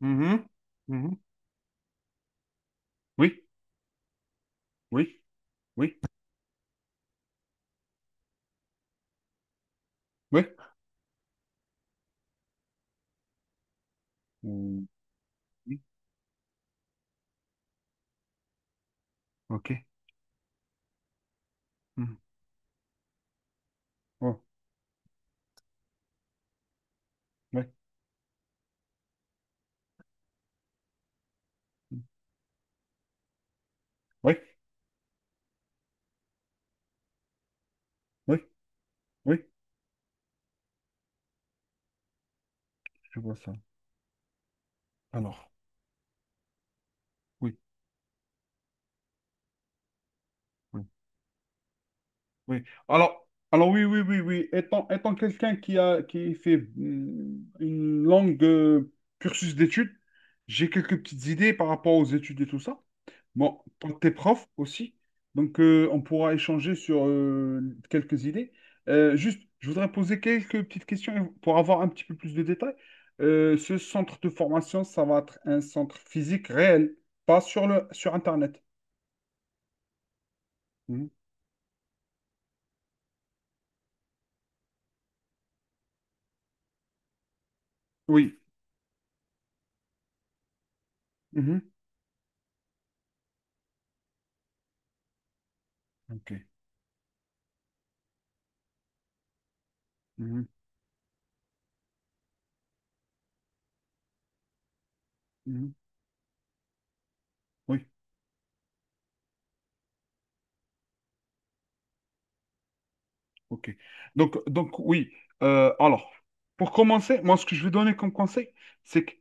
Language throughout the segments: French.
Mhm. Mhm. Oui, oui, oui, oui. Mm, oui, ok. Mhm. Oh, oui, mm, oui, oui, oui, je vois ça. Alors, oui, oui, oui. Alors, oui, oui, oui, oui. Étant quelqu'un qui fait une longue cursus d'études, j'ai quelques petites idées par rapport aux études et tout ça. Bon, quand t'es prof aussi, donc on pourra échanger sur quelques idées. Juste, je voudrais poser quelques petites questions pour avoir un petit peu plus de détails. Ce centre de formation, ça va être un centre physique réel, pas sur le sur Internet. Mhm. Oui. Mhm. Ok. Mhm. Mhm. Oui. Ok. Donc, oui. Alors, pour commencer, moi, ce que je vais donner comme conseil, c'est que,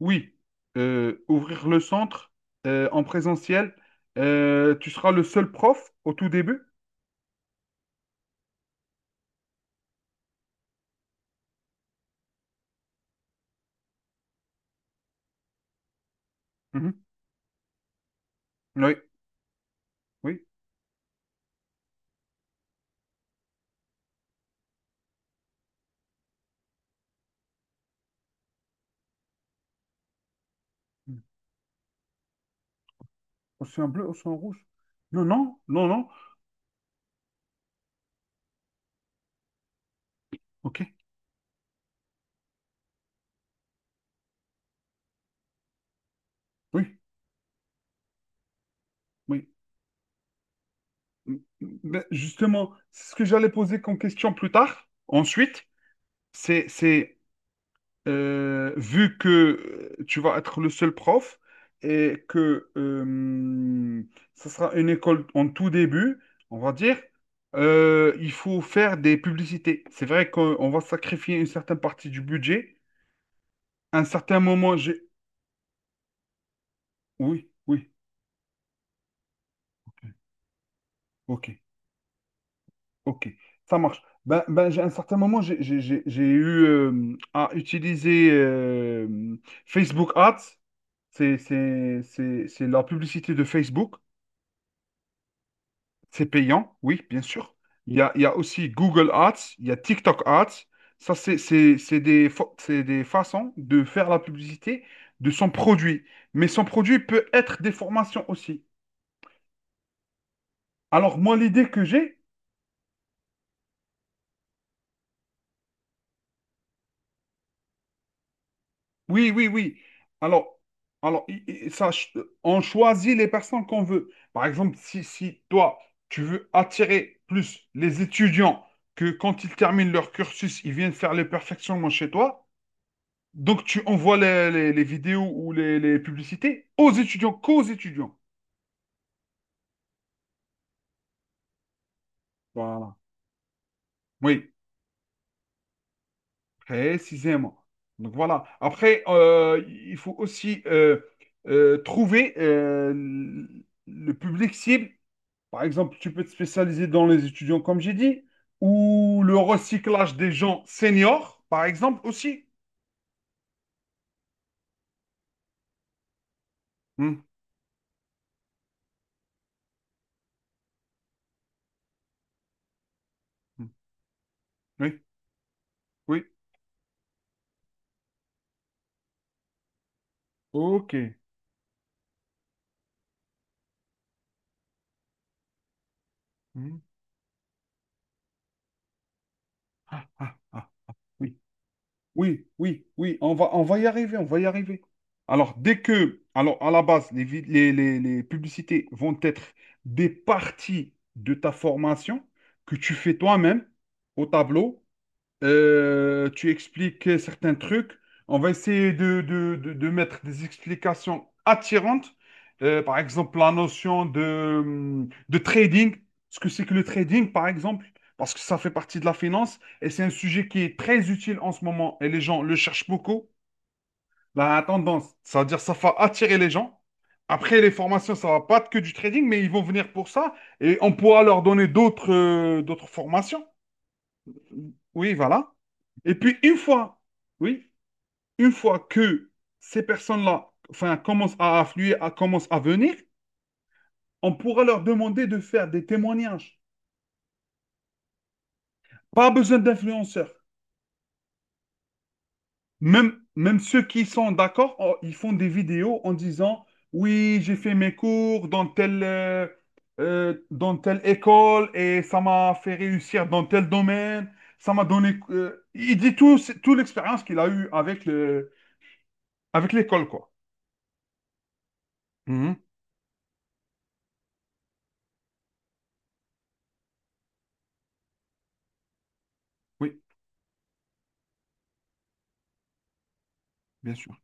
oui, ouvrir le centre, en présentiel, tu seras le seul prof au tout début. Mhm. Oui, oui. Mhm. Océan bleu, océan rouge. Non, non, non, non. Ok. Oui, oui. Mm, ben, justement, c'est ce que j'allais poser comme question plus tard. Ensuite, c'est vu que tu vas être le seul prof et que ça sera une école en tout début, on va dire, il faut faire des publicités. C'est vrai qu'on on va sacrifier une certaine partie du budget. À un certain moment, j'ai— Oui, oui, ok, ok, ça marche. À un certain moment, j'ai eu à utiliser Facebook Ads. C'est la publicité de Facebook. C'est payant, oui, bien sûr. Il y a aussi Google Ads, il y a TikTok Ads. Ça, c'est des façons de faire la publicité de son produit. Mais son produit peut être des formations aussi. Alors, moi, l'idée que j'ai, oui, oui, oui. Alors, alors, on choisit les personnes qu'on veut. Par exemple, si toi, tu veux attirer plus les étudiants que quand ils terminent leur cursus, ils viennent faire le perfectionnement chez toi. Donc tu envoies les vidéos ou les publicités aux étudiants, qu'aux étudiants. Voilà. Oui, précisément. Donc voilà. Après, il faut aussi trouver le public cible. Par exemple, tu peux te spécialiser dans les étudiants, comme j'ai dit, ou le recyclage des gens seniors, par exemple, aussi. Hmm, hmm, oui, oui, ok. Hmm, ah, ah, oui. Oui, oui, oui, on va y arriver, on va y arriver. Alors, à la base, les, vid- les publicités vont être des parties de ta formation que tu fais toi-même au tableau, tu expliques certains trucs. On va essayer de mettre des explications attirantes. Par exemple, la notion de trading. Ce que c'est que le trading, par exemple, parce que ça fait partie de la finance et c'est un sujet qui est très utile en ce moment et les gens le cherchent beaucoup. La tendance, ça veut dire ça va attirer les gens. Après, les formations, ça va pas être que du trading, mais ils vont venir pour ça et on pourra leur donner d'autres formations. Oui, voilà. Et puis oui, une fois que ces personnes-là, enfin, commencent à affluer, commencent à venir, on pourra leur demander de faire des témoignages. Pas besoin d'influenceurs. Même, ceux qui sont d'accord, oh, ils font des vidéos en disant, oui, j'ai fait mes cours dans telle école et ça m'a fait réussir dans tel domaine. Ça m'a donné. Il dit tout, toute l'expérience qu'il a eue avec l'école, quoi. Mhm. Oui, bien sûr.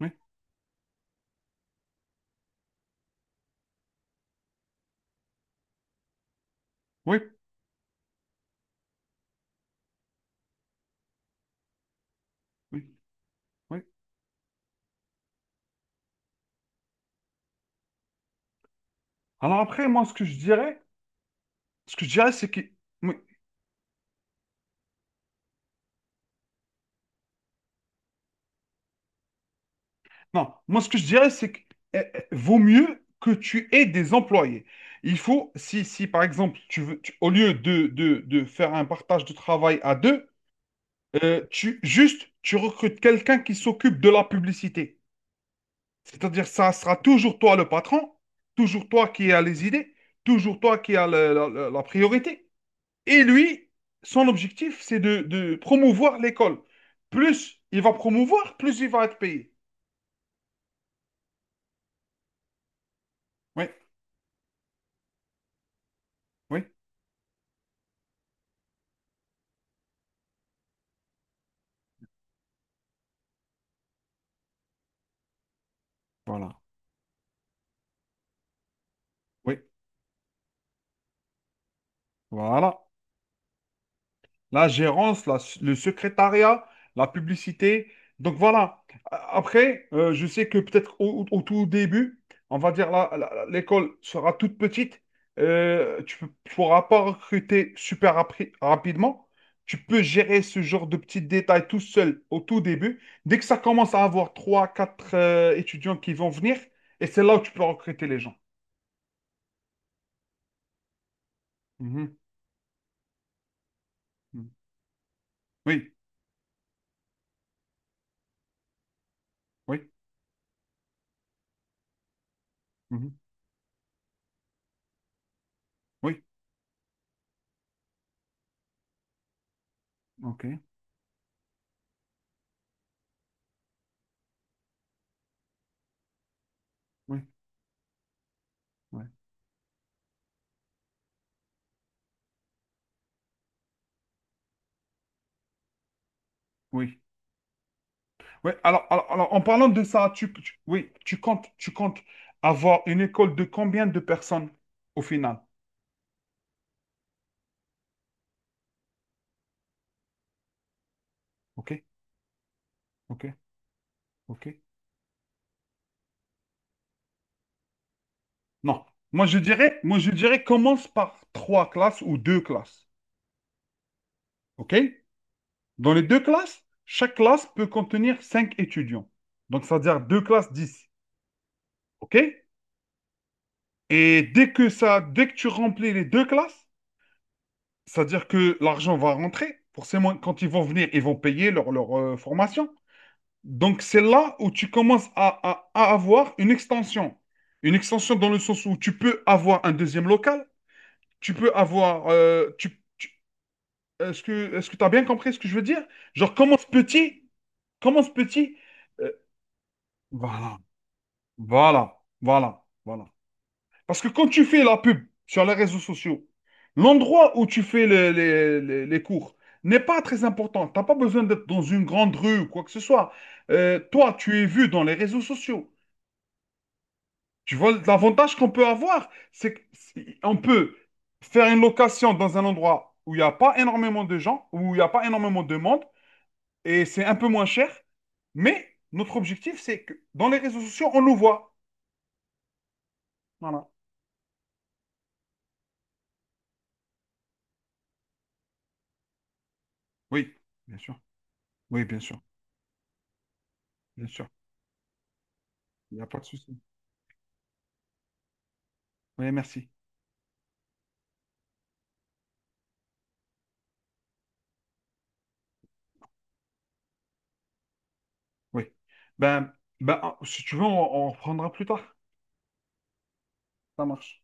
Oui, oui, oui, oui. Alors après, moi, ce que je dirais, c'est que, oui. Non, moi, ce que je dirais, c'est que vaut mieux que tu aies des employés. Il faut, si par exemple, tu veux, au lieu de faire un partage de travail à deux, juste, tu recrutes quelqu'un qui s'occupe de la publicité. C'est-à-dire, ça sera toujours toi le patron, toujours toi qui as les idées, toujours toi qui as la priorité. Et lui, son objectif, c'est de promouvoir l'école. Plus il va promouvoir, plus il va être payé. Oui, oui, voilà. Oui, voilà. La gérance, le secrétariat, la publicité. Donc voilà. Après, je sais que peut-être au tout début, on va dire l'école sera toute petite. Tu ne pourras pas recruter super rapidement. Tu peux gérer ce genre de petits détails tout seul au tout début. Dès que ça commence à avoir trois, quatre étudiants qui vont venir, et c'est là où tu peux recruter les gens. Mhm. Mhm. Oui, oui. Mhm. Oui, ok, oui, ouais. Ouais. Oui. Ouais, alors, en parlant de ça, oui, tu comptes avoir une école de combien de personnes au final? OK, OK, OK. Non, moi je dirais commence par trois classes ou deux classes. OK? Dans les deux classes, chaque classe peut contenir cinq étudiants. Donc, ça veut dire deux classes, 10. OK? Et dès que tu remplis les deux classes, c'est-à-dire que l'argent va rentrer. Forcément, quand ils vont venir, ils vont payer leur formation. Donc, c'est là où tu commences à avoir une extension. Une extension dans le sens où tu peux avoir un deuxième local, tu peux avoir— est-ce que tu as bien compris ce que je veux dire? Genre, commence petit, commence petit. euh, voilà, voilà, voilà, voilà. Parce que quand tu fais la pub sur les réseaux sociaux, l'endroit où tu fais les cours n'est pas très important. Tu n'as pas besoin d'être dans une grande rue ou quoi que ce soit. Toi, tu es vu dans les réseaux sociaux. Tu vois, l'avantage qu'on peut avoir, c'est qu'on peut faire une location dans un endroit où il n'y a pas énormément de gens, où il n'y a pas énormément de monde, et c'est un peu moins cher. Mais notre objectif, c'est que dans les réseaux sociaux, on nous voit. Voilà. Oui, bien sûr. Oui, bien sûr. Bien sûr. Il n'y a pas de souci. Oui, merci. Oui. Ben, si tu veux, on reprendra plus tard. Ça marche.